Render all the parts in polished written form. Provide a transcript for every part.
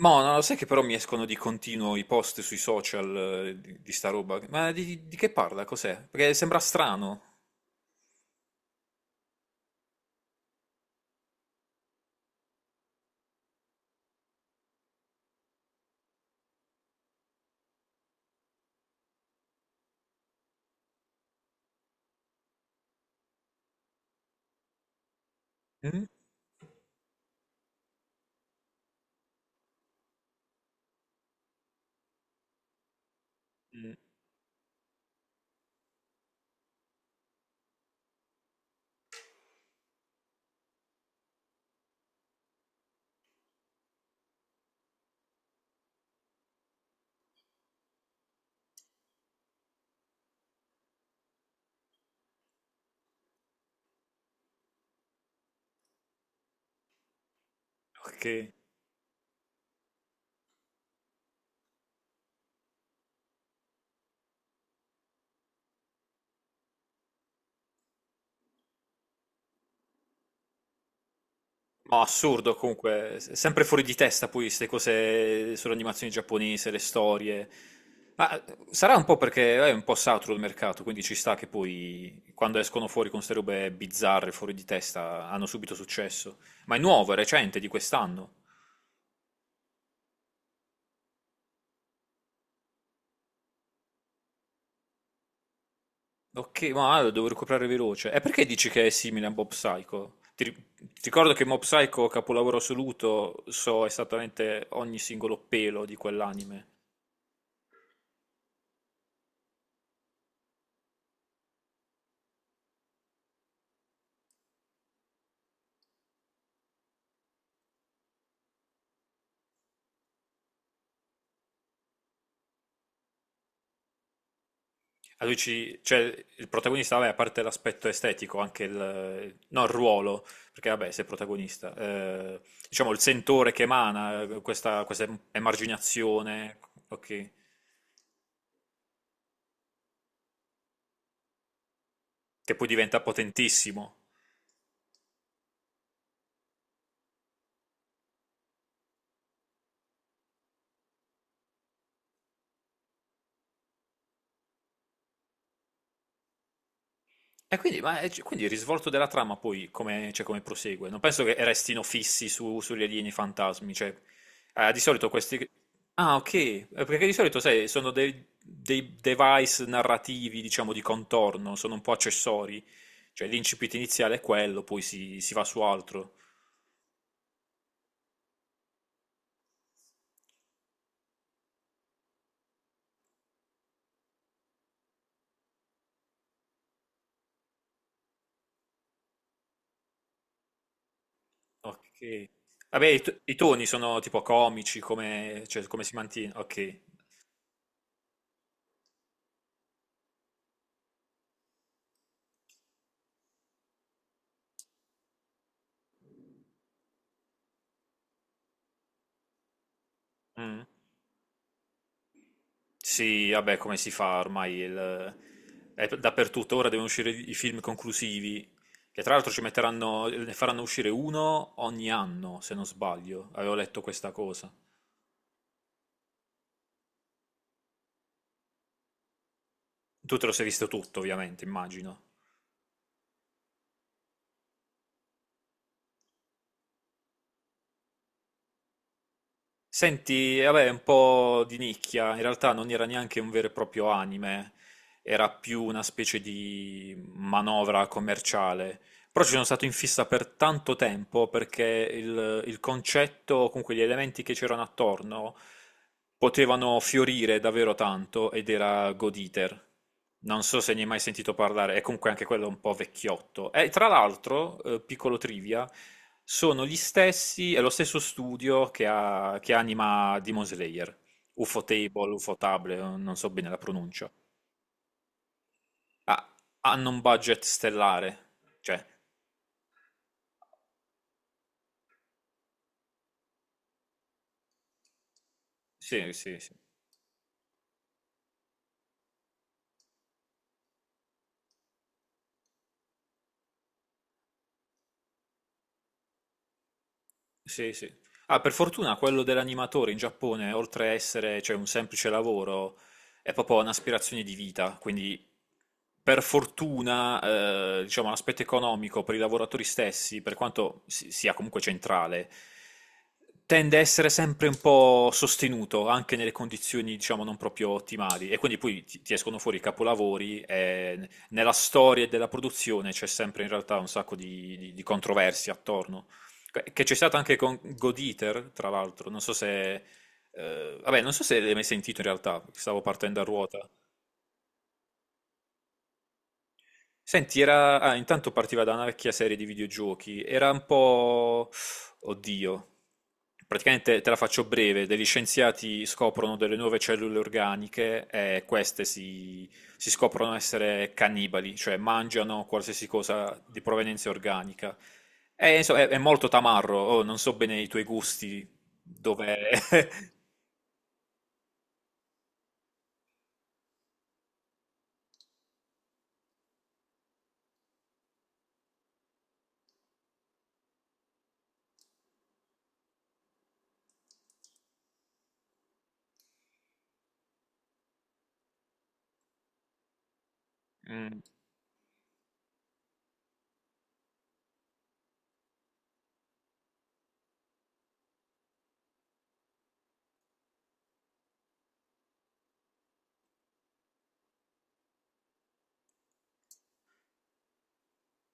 Mò, no, no, sai che però mi escono di continuo i post sui social di sta roba? Ma di che parla? Cos'è? Perché sembra strano. Mm? Mm, ok. No, assurdo comunque. Sempre fuori di testa poi queste cose sull'animazione giapponese, le storie. Ma sarà un po' perché è un po' saturo il mercato, quindi ci sta che poi quando escono fuori con queste robe bizzarre, fuori di testa, hanno subito successo. Ma è nuovo, è recente, di quest'anno. Ok, ma lo devo recuperare veloce. E perché dici che è simile a Mob Psycho? Ti ricordo che Mob Psycho, capolavoro assoluto, so esattamente ogni singolo pelo di quell'anime. Cioè, il protagonista, vabbè, a parte l'aspetto estetico, anche il, no, il ruolo, perché vabbè, sei protagonista, diciamo il sentore che emana, questa emarginazione, ok, che poi diventa potentissimo. E quindi, ma, quindi il risvolto della trama poi come, cioè, come prosegue? Non penso che restino fissi sugli alieni fantasmi, cioè, di solito questi... Ah, ok, perché di solito, sai, sono dei device narrativi, diciamo, di contorno, sono un po' accessori, cioè l'incipit iniziale è quello, poi si va su altro. Ok. Vabbè, i toni sono tipo comici, come, cioè, come si mantiene... Ok. Mm. Sì, vabbè, come si fa ormai? È dappertutto. Ora devono uscire i film conclusivi, che tra l'altro ci metteranno, ne faranno uscire uno ogni anno, se non sbaglio. Avevo letto questa cosa. Tu te lo sei visto tutto, ovviamente, immagino. Senti, vabbè, è un po' di nicchia. In realtà non era neanche un vero e proprio anime, era più una specie di manovra commerciale. Però ci sono stato in fissa per tanto tempo perché il concetto, o comunque gli elementi che c'erano attorno, potevano fiorire davvero tanto ed era God Eater. Non so se ne hai mai sentito parlare, è comunque anche quello un po' vecchiotto. E tra l'altro, piccolo trivia, sono gli stessi, è lo stesso studio che anima Demon Slayer, UFO Table, UFO Table, non so bene la pronuncia. Ah, hanno un budget stellare, cioè, sì, sì, sì. Sì, sì. Ah, per fortuna quello dell'animatore in Giappone, oltre a essere, cioè, un semplice lavoro, è proprio un'aspirazione di vita. Quindi, per fortuna, diciamo, l'aspetto economico per i lavoratori stessi, per quanto sia comunque centrale, tende a essere sempre un po' sostenuto, anche nelle condizioni, diciamo, non proprio ottimali. E quindi poi ti escono fuori i capolavori e nella storia della produzione c'è sempre in realtà un sacco di controversie attorno. Che c'è stato anche con God Eater, tra l'altro. Non so se... vabbè, non so se l'hai mai sentito in realtà, stavo partendo a ruota. Senti, era... ah, intanto partiva da una vecchia serie di videogiochi, era un po'... Oddio, praticamente te la faccio breve, degli scienziati scoprono delle nuove cellule organiche e queste si scoprono essere cannibali, cioè mangiano qualsiasi cosa di provenienza organica. E, insomma, è molto tamarro, oh, non so bene i tuoi gusti, dove...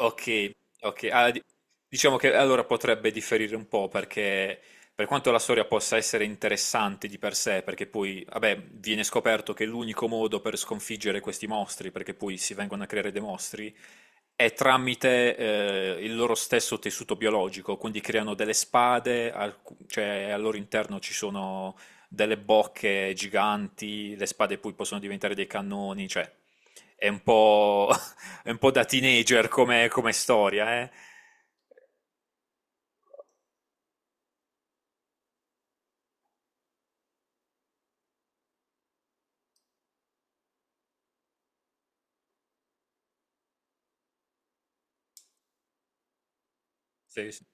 Ok, ok. Diciamo che allora potrebbe differire un po' perché per quanto la storia possa essere interessante di per sé, perché poi, vabbè, viene scoperto che l'unico modo per sconfiggere questi mostri, perché poi si vengono a creare dei mostri, è tramite il loro stesso tessuto biologico, quindi creano delle spade, cioè al loro interno ci sono delle bocche giganti, le spade poi possono diventare dei cannoni, cioè è un po', è un po' da teenager come, come storia, eh? Sì, sì.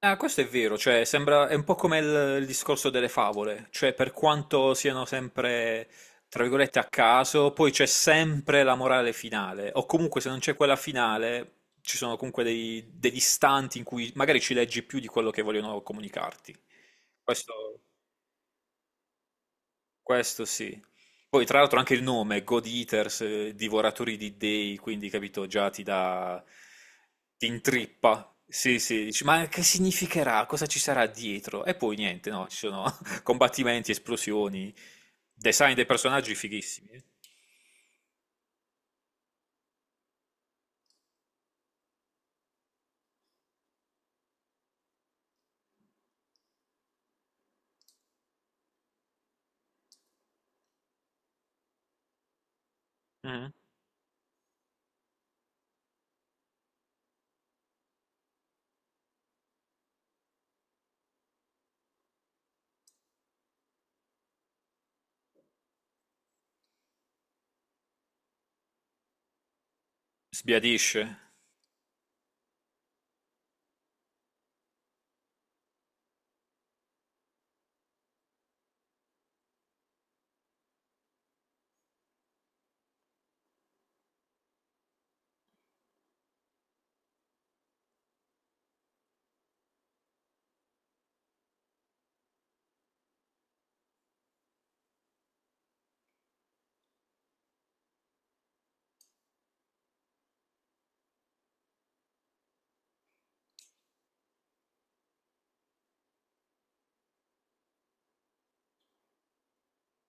Ah, questo è vero, cioè sembra, è un po' come il discorso delle favole, cioè per quanto siano sempre, tra virgolette, a caso, poi c'è sempre la morale finale, o comunque se non c'è quella finale, ci sono comunque degli istanti in cui magari ci leggi più di quello che vogliono comunicarti. Questo... Questo sì. Poi tra l'altro anche il nome, God Eaters, divoratori di dei, quindi capito, già ti dà, ti intrippa. Sì, sì, dici, ma che significherà? Cosa ci sarà dietro? E poi niente, no, ci sono combattimenti, esplosioni, design dei personaggi fighissimi. Eh. Mm. Sbiadisce.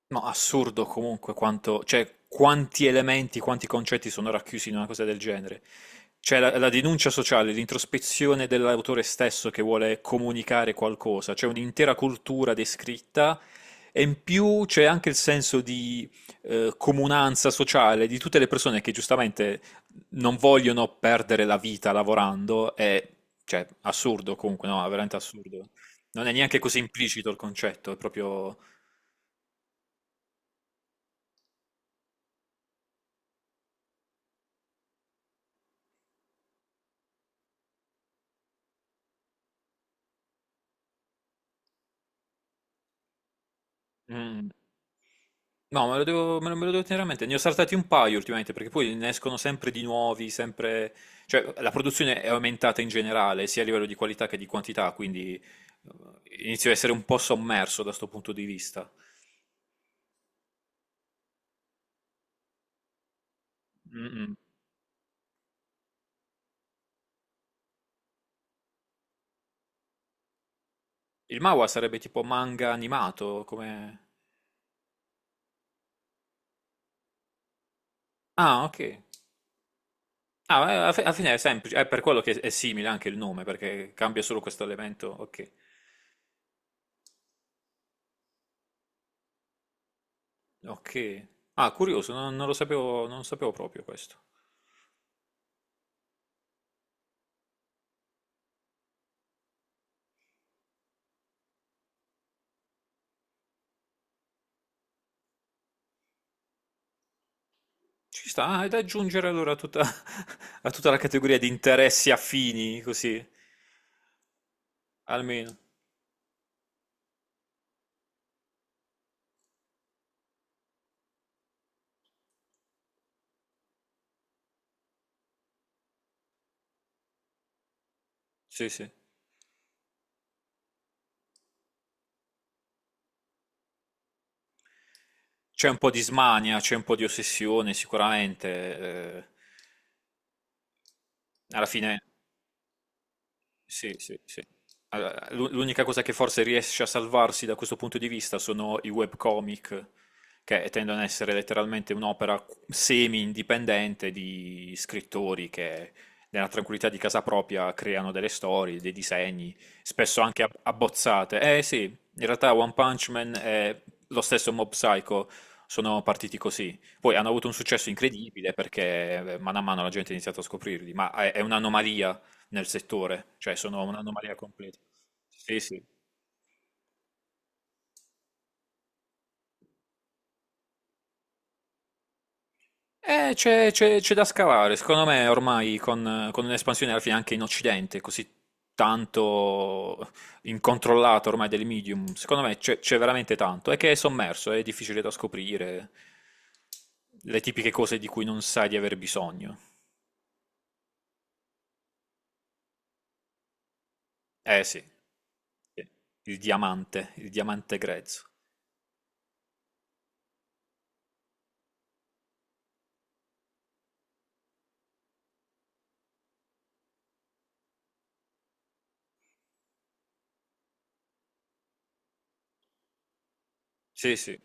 No, assurdo comunque quanto, cioè, quanti elementi, quanti concetti sono racchiusi in una cosa del genere. C'è la denuncia sociale, l'introspezione dell'autore stesso che vuole comunicare qualcosa, c'è un'intera cultura descritta e in più c'è anche il senso di comunanza sociale di tutte le persone che giustamente non vogliono perdere la vita lavorando, è cioè, assurdo comunque, no, è veramente assurdo. Non è neanche così implicito il concetto, è proprio... Mm. No, me lo devo tenere a mente. Ne ho saltati un paio ultimamente perché poi ne escono sempre di nuovi, sempre... Cioè, la produzione è aumentata in generale, sia a livello di qualità che di quantità, quindi inizio a essere un po' sommerso da sto punto di vista. Mm, mm. Il manhwa sarebbe tipo manga animato, come... Ah, ok. Ah, alla fine è semplice, è per quello che è simile anche il nome, perché cambia solo questo elemento. Ok. Ok. Ah, curioso, non lo sapevo, non sapevo proprio questo. Ci sta, ah, è da aggiungere allora a tutta, a tutta la categoria di interessi affini, così, almeno. Sì, sì. C'è un po' di smania, c'è un po' di ossessione, sicuramente. Eh, alla fine. Sì, sì, sì. Allora, l'unica cosa che forse riesce a salvarsi da questo punto di vista sono i webcomic, che tendono ad essere letteralmente un'opera semi-indipendente di scrittori che nella tranquillità di casa propria creano delle storie, dei disegni, spesso anche abbozzate. Eh sì, in realtà One Punch Man e lo stesso Mob Psycho sono partiti così. Poi hanno avuto un successo incredibile perché mano a mano la gente ha iniziato a scoprirli, ma è un'anomalia nel settore, cioè sono un'anomalia completa. Sì, sì. C'è da scavare, secondo me ormai con un'espansione alla fine anche in Occidente, così tanto incontrollata ormai del medium, secondo me c'è veramente tanto, è che è sommerso, è difficile da scoprire, le tipiche cose di cui non sai di aver bisogno. Eh sì, sì. Il diamante, il diamante grezzo. Sì, sì,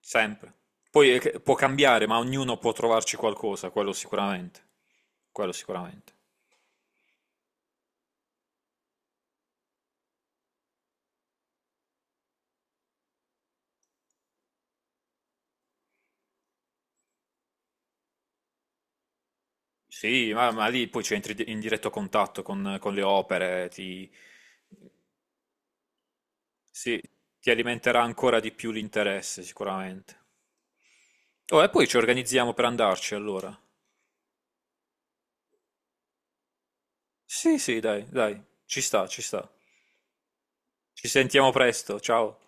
sempre. Poi può cambiare, ma ognuno può trovarci qualcosa, quello sicuramente. Quello sicuramente. Sì, ma lì poi ci entri in diretto contatto con le opere, ti, sì, ti alimenterà ancora di più l'interesse, sicuramente. Oh, e poi ci organizziamo per andarci, allora. Sì, sì, dai, dai, ci sta, ci sta. Ci sentiamo presto, ciao.